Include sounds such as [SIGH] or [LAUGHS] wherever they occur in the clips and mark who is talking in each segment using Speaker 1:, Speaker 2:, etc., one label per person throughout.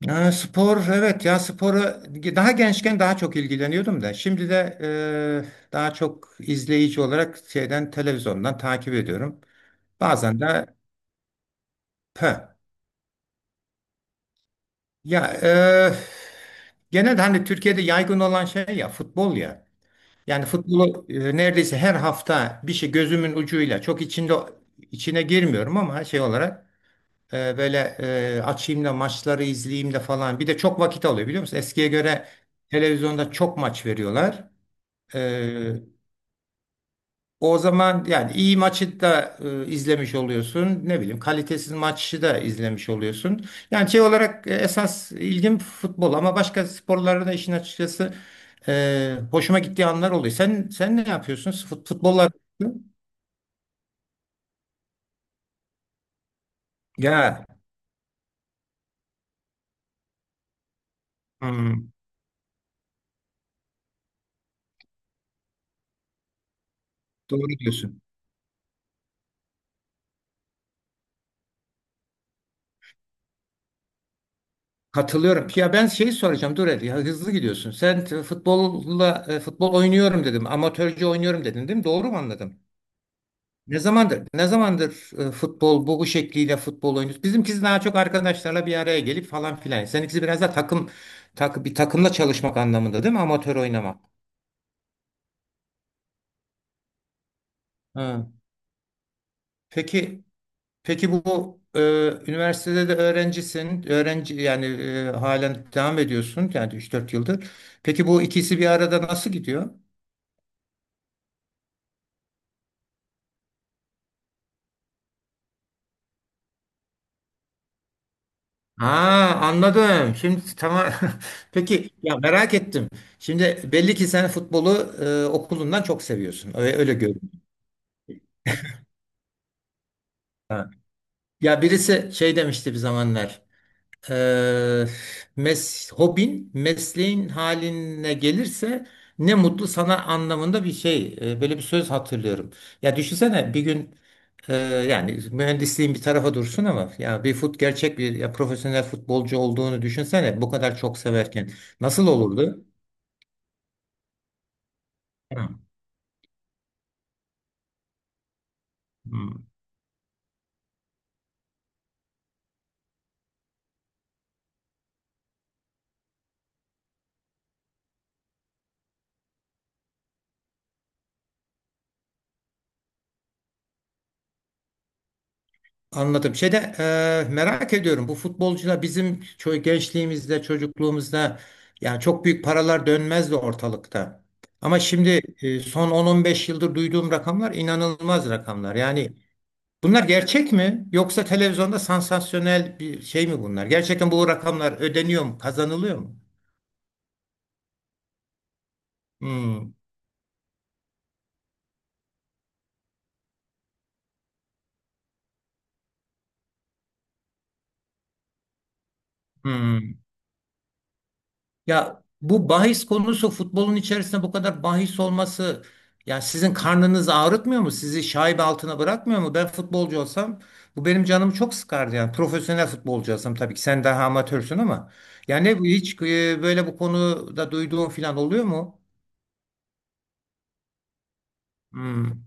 Speaker 1: Ya spor evet ya spora daha gençken daha çok ilgileniyordum da şimdi de daha çok izleyici olarak şeyden televizyondan takip ediyorum. Bazen de pö. Ya genel hani Türkiye'de yaygın olan şey ya futbol ya. Yani futbolu neredeyse her hafta bir şey gözümün ucuyla çok içinde içine girmiyorum ama şey olarak böyle açayım da maçları izleyeyim de falan. Bir de çok vakit alıyor biliyor musun? Eskiye göre televizyonda çok maç veriyorlar. E, o zaman yani iyi maçı da izlemiş oluyorsun. Ne bileyim kalitesiz maçı da izlemiş oluyorsun. Yani şey olarak esas ilgim futbol ama başka sporlarda da işin açıkçası hoşuma gittiği anlar oluyor. Sen ne yapıyorsun? Futbollar ya. Hmm, doğru diyorsun. Katılıyorum. Ya ben şeyi soracağım. Dur hadi ya hızlı gidiyorsun. Futbolla futbol oynuyorum dedim. Amatörce oynuyorum dedin değil mi? Doğru mu anladım? Ne zamandır futbol bu şekliyle futbol oynuyorsun? Bizimkisi daha çok arkadaşlarla bir araya gelip falan filan. Seninkisi biraz da takım bir takımla çalışmak anlamında değil mi? Amatör oynamak. Ha. Peki peki bu üniversitede de öğrencisin. Öğrenci yani halen devam ediyorsun. Yani 3-4 yıldır. Peki bu ikisi bir arada nasıl gidiyor? Ha, anladım. Şimdi tamam. [LAUGHS] Peki ya merak ettim. Şimdi belli ki sen futbolu okulundan çok seviyorsun. Öyle görünüyor. Ha. Ya birisi şey demişti bir zamanlar. Eee hobin mesleğin haline gelirse ne mutlu sana anlamında bir şey. Böyle bir söz hatırlıyorum. Ya düşünsene bir gün eee, yani mühendisliğin bir tarafa dursun ama ya bir gerçek bir ya profesyonel futbolcu olduğunu düşünsene bu kadar çok severken nasıl olurdu? Hı. Hı. Anladım. Şeyde merak ediyorum. Bu futbolcular bizim gençliğimizde, çocukluğumuzda yani çok büyük paralar dönmezdi ortalıkta. Ama şimdi son 10-15 yıldır duyduğum rakamlar inanılmaz rakamlar. Yani bunlar gerçek mi? Yoksa televizyonda sansasyonel bir şey mi bunlar? Gerçekten bu rakamlar ödeniyor mu? Kazanılıyor mu? Hmm, hmm. Ya bu bahis konusu futbolun içerisinde bu kadar bahis olması ya sizin karnınızı ağrıtmıyor mu? Sizi şaibe altına bırakmıyor mu? Ben futbolcu olsam bu benim canımı çok sıkardı yani. Profesyonel futbolcu olsam tabii ki sen daha amatörsün ama yani hiç böyle bu konuda duyduğun falan oluyor mu? Hmm.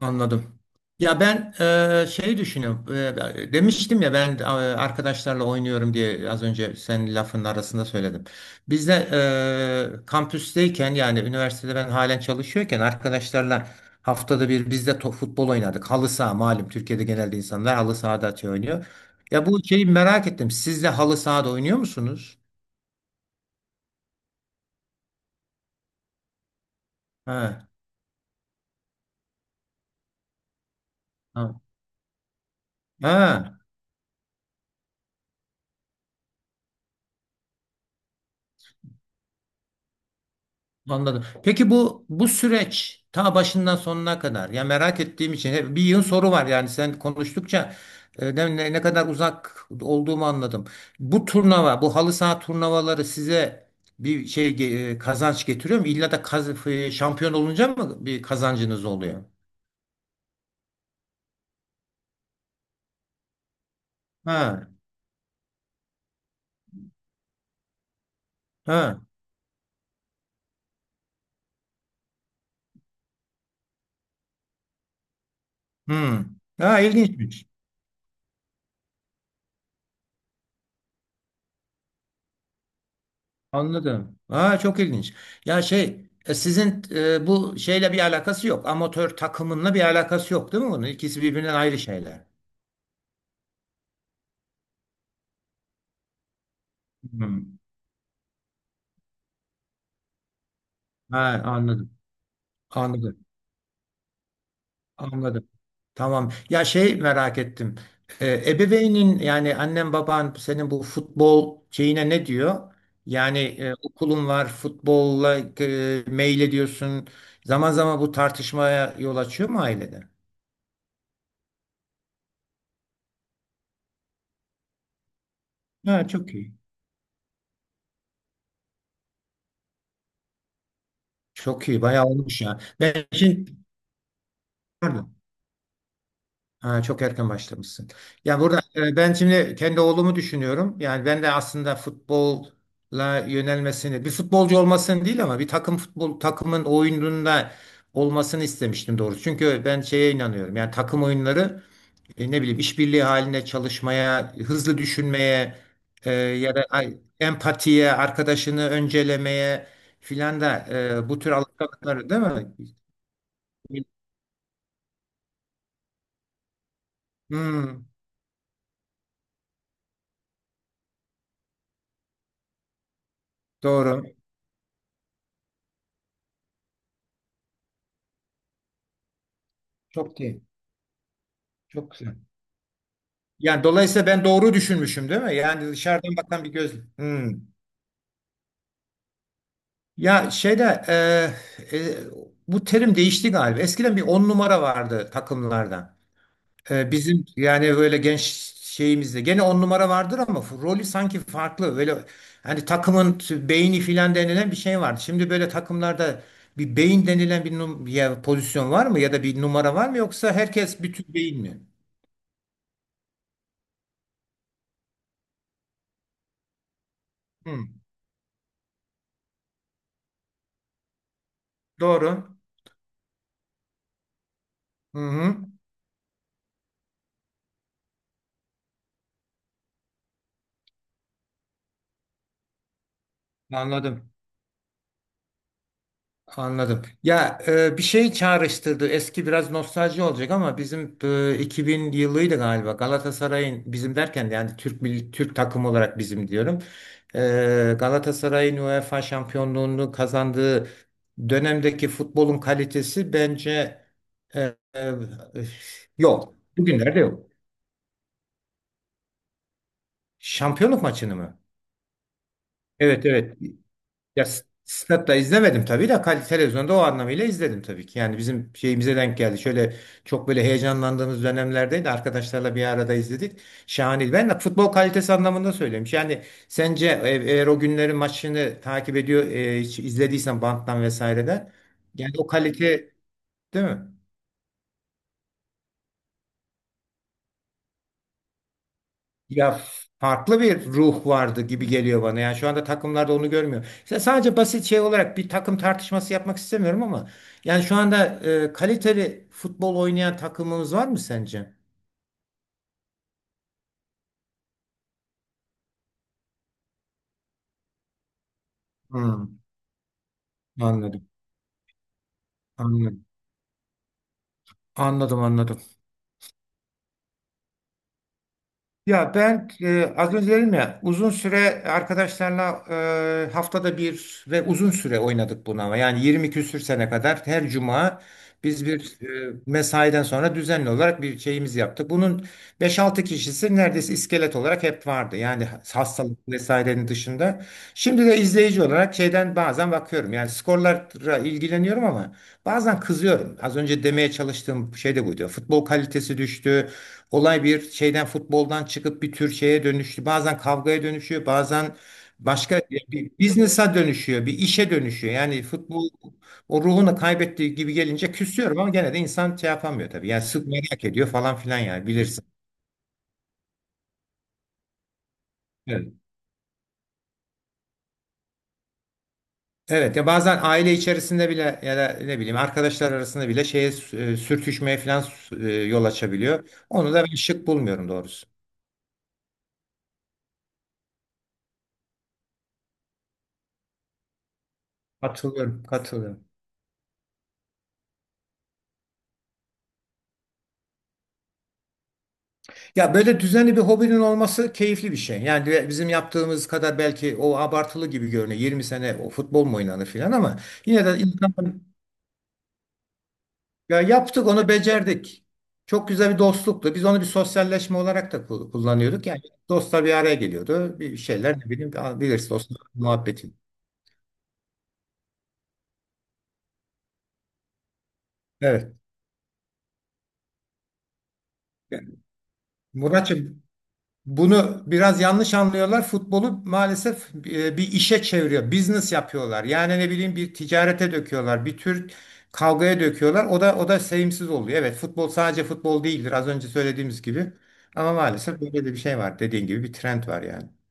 Speaker 1: Anladım. Ya ben şey düşünüyorum. Demiştim ya ben arkadaşlarla oynuyorum diye az önce senin lafın arasında söyledim. Biz de kampüsteyken yani üniversitede ben halen çalışıyorken arkadaşlarla haftada bir biz de futbol oynardık. Halı saha malum Türkiye'de genelde insanlar halı sahada şey oynuyor. Ya bu şeyi merak ettim. Siz de halı sahada oynuyor musunuz? Ha. Ha. Ha. Anladım. Peki bu süreç ta başından sonuna kadar ya merak ettiğim için hep bir yığın soru var yani sen konuştukça ne kadar uzak olduğumu anladım. Bu turnuva, bu halı saha turnuvaları size bir şey kazanç getiriyor mu? İlla da şampiyon olunca mı bir kazancınız oluyor? Ha, ha. Hmm. Ha, ilginçmiş. Anladım. Ha, çok ilginç. Ya şey sizin bu şeyle bir alakası yok. Amatör takımınla bir alakası yok değil mi bunun? İkisi birbirinden ayrı şeyler. Hmm. Ha, anladım. Anladım. Anladım. Tamam. Ya şey merak ettim. Ebeveynin yani annen baban senin bu futbol şeyine ne diyor? Yani okulun var futbolla mail ediyorsun. Zaman zaman bu tartışmaya yol açıyor mu ailede? Ha, çok iyi. Çok iyi. Bayağı olmuş ya. Ben şimdi. Pardon. Ha, çok erken başlamışsın. Ya burada ben şimdi kendi oğlumu düşünüyorum. Yani ben de aslında futbolla yönelmesini, bir futbolcu olmasını değil ama bir takım futbol takımın oyununda olmasını istemiştim doğrusu. Çünkü ben şeye inanıyorum. Yani takım oyunları ne bileyim işbirliği halinde çalışmaya, hızlı düşünmeye ya da empatiye, arkadaşını öncelemeye filan da bu tür alışkanlıkları değil mi? Hmm, doğru. Çok iyi. Çok güzel. Yani dolayısıyla ben doğru düşünmüşüm değil mi? Yani dışarıdan bakan bir göz. Hmm. Ya şeyde e, e, bu terim değişti galiba. Eskiden bir 10 numara vardı takımlarda. Bizim yani böyle genç şeyimizde. Gene 10 numara vardır ama rolü sanki farklı. Böyle hani takımın beyni filan denilen bir şey vardı. Şimdi böyle takımlarda bir beyin denilen bir ya pozisyon var mı ya da bir numara var mı yoksa herkes bütün beyin mi? Hmm. Doğru. Hı hı. Anladım. Anladım. Ya bir şey çağrıştırdı. Eski biraz nostalji olacak ama bizim 2000 yılıydı galiba. Galatasaray'ın bizim derken de yani Türk milli Türk takım olarak bizim diyorum. E, Galatasaray'ın UEFA şampiyonluğunu kazandığı dönemdeki futbolun kalitesi bence e, e, yok. Bugünlerde yok. Şampiyonluk maçını mı? Evet, evet. Ya statta izlemedim tabii de televizyonda o anlamıyla izledim tabii ki. Yani bizim şeyimize denk geldi. Şöyle çok böyle heyecanlandığımız dönemlerdeydi. Arkadaşlarla bir arada izledik. Şahane. Ben de futbol kalitesi anlamında söylemiş. Yani sence eğer o günlerin maçını takip ediyor, hiç izlediysen banttan vesaireden yani o kalite değil mi? Ya farklı bir ruh vardı gibi geliyor bana. Yani şu anda takımlarda onu görmüyor. İşte sadece basit şey olarak bir takım tartışması yapmak istemiyorum ama yani şu anda kaliteli futbol oynayan takımımız var mı sence? Hmm, anladım. Anladım. Anladım, anladım. Ya ben az önce dedim ya uzun süre arkadaşlarla haftada bir ve uzun süre oynadık bunu ama yani 20 küsür sene kadar her cuma biz bir mesaiden sonra düzenli olarak bir şeyimiz yaptık. Bunun 5-6 kişisi neredeyse iskelet olarak hep vardı yani hastalık vesairenin dışında. Şimdi de izleyici olarak şeyden bazen bakıyorum yani skorlara ilgileniyorum ama bazen kızıyorum. Az önce demeye çalıştığım şey de buydu. Futbol kalitesi düştü. Olay bir şeyden futboldan çıkıp bir tür şeye dönüştü. Bazen kavgaya dönüşüyor, bazen başka bir business'a dönüşüyor, bir işe dönüşüyor. Yani futbol o ruhunu kaybettiği gibi gelince küsüyorum ama gene de insan şey yapamıyor tabii. Yani sık merak ediyor falan filan yani bilirsin. Evet. Evet, ya bazen aile içerisinde bile ya da ne bileyim arkadaşlar arasında bile şeye sürtüşmeye falan yol açabiliyor. Onu da ben şık bulmuyorum doğrusu. Katılıyorum, katılıyorum. Ya böyle düzenli bir hobinin olması keyifli bir şey. Yani bizim yaptığımız kadar belki o abartılı gibi görünüyor. 20 sene o futbol mu oynanır filan ama yine de insan ya yaptık onu becerdik. Çok güzel bir dostluktu. Biz onu bir sosyalleşme olarak da kullanıyorduk. Yani dostlar bir araya geliyordu. Bir şeyler ne bileyim bilirsin dostlar muhabbeti. Evet. Muratçım, bunu biraz yanlış anlıyorlar. Futbolu maalesef bir işe çeviriyor. Business yapıyorlar. Yani ne bileyim bir ticarete döküyorlar. Bir tür kavgaya döküyorlar. O da sevimsiz oluyor. Evet, futbol sadece futbol değildir. Az önce söylediğimiz gibi. Ama maalesef böyle de bir şey var. Dediğin gibi bir trend var yani.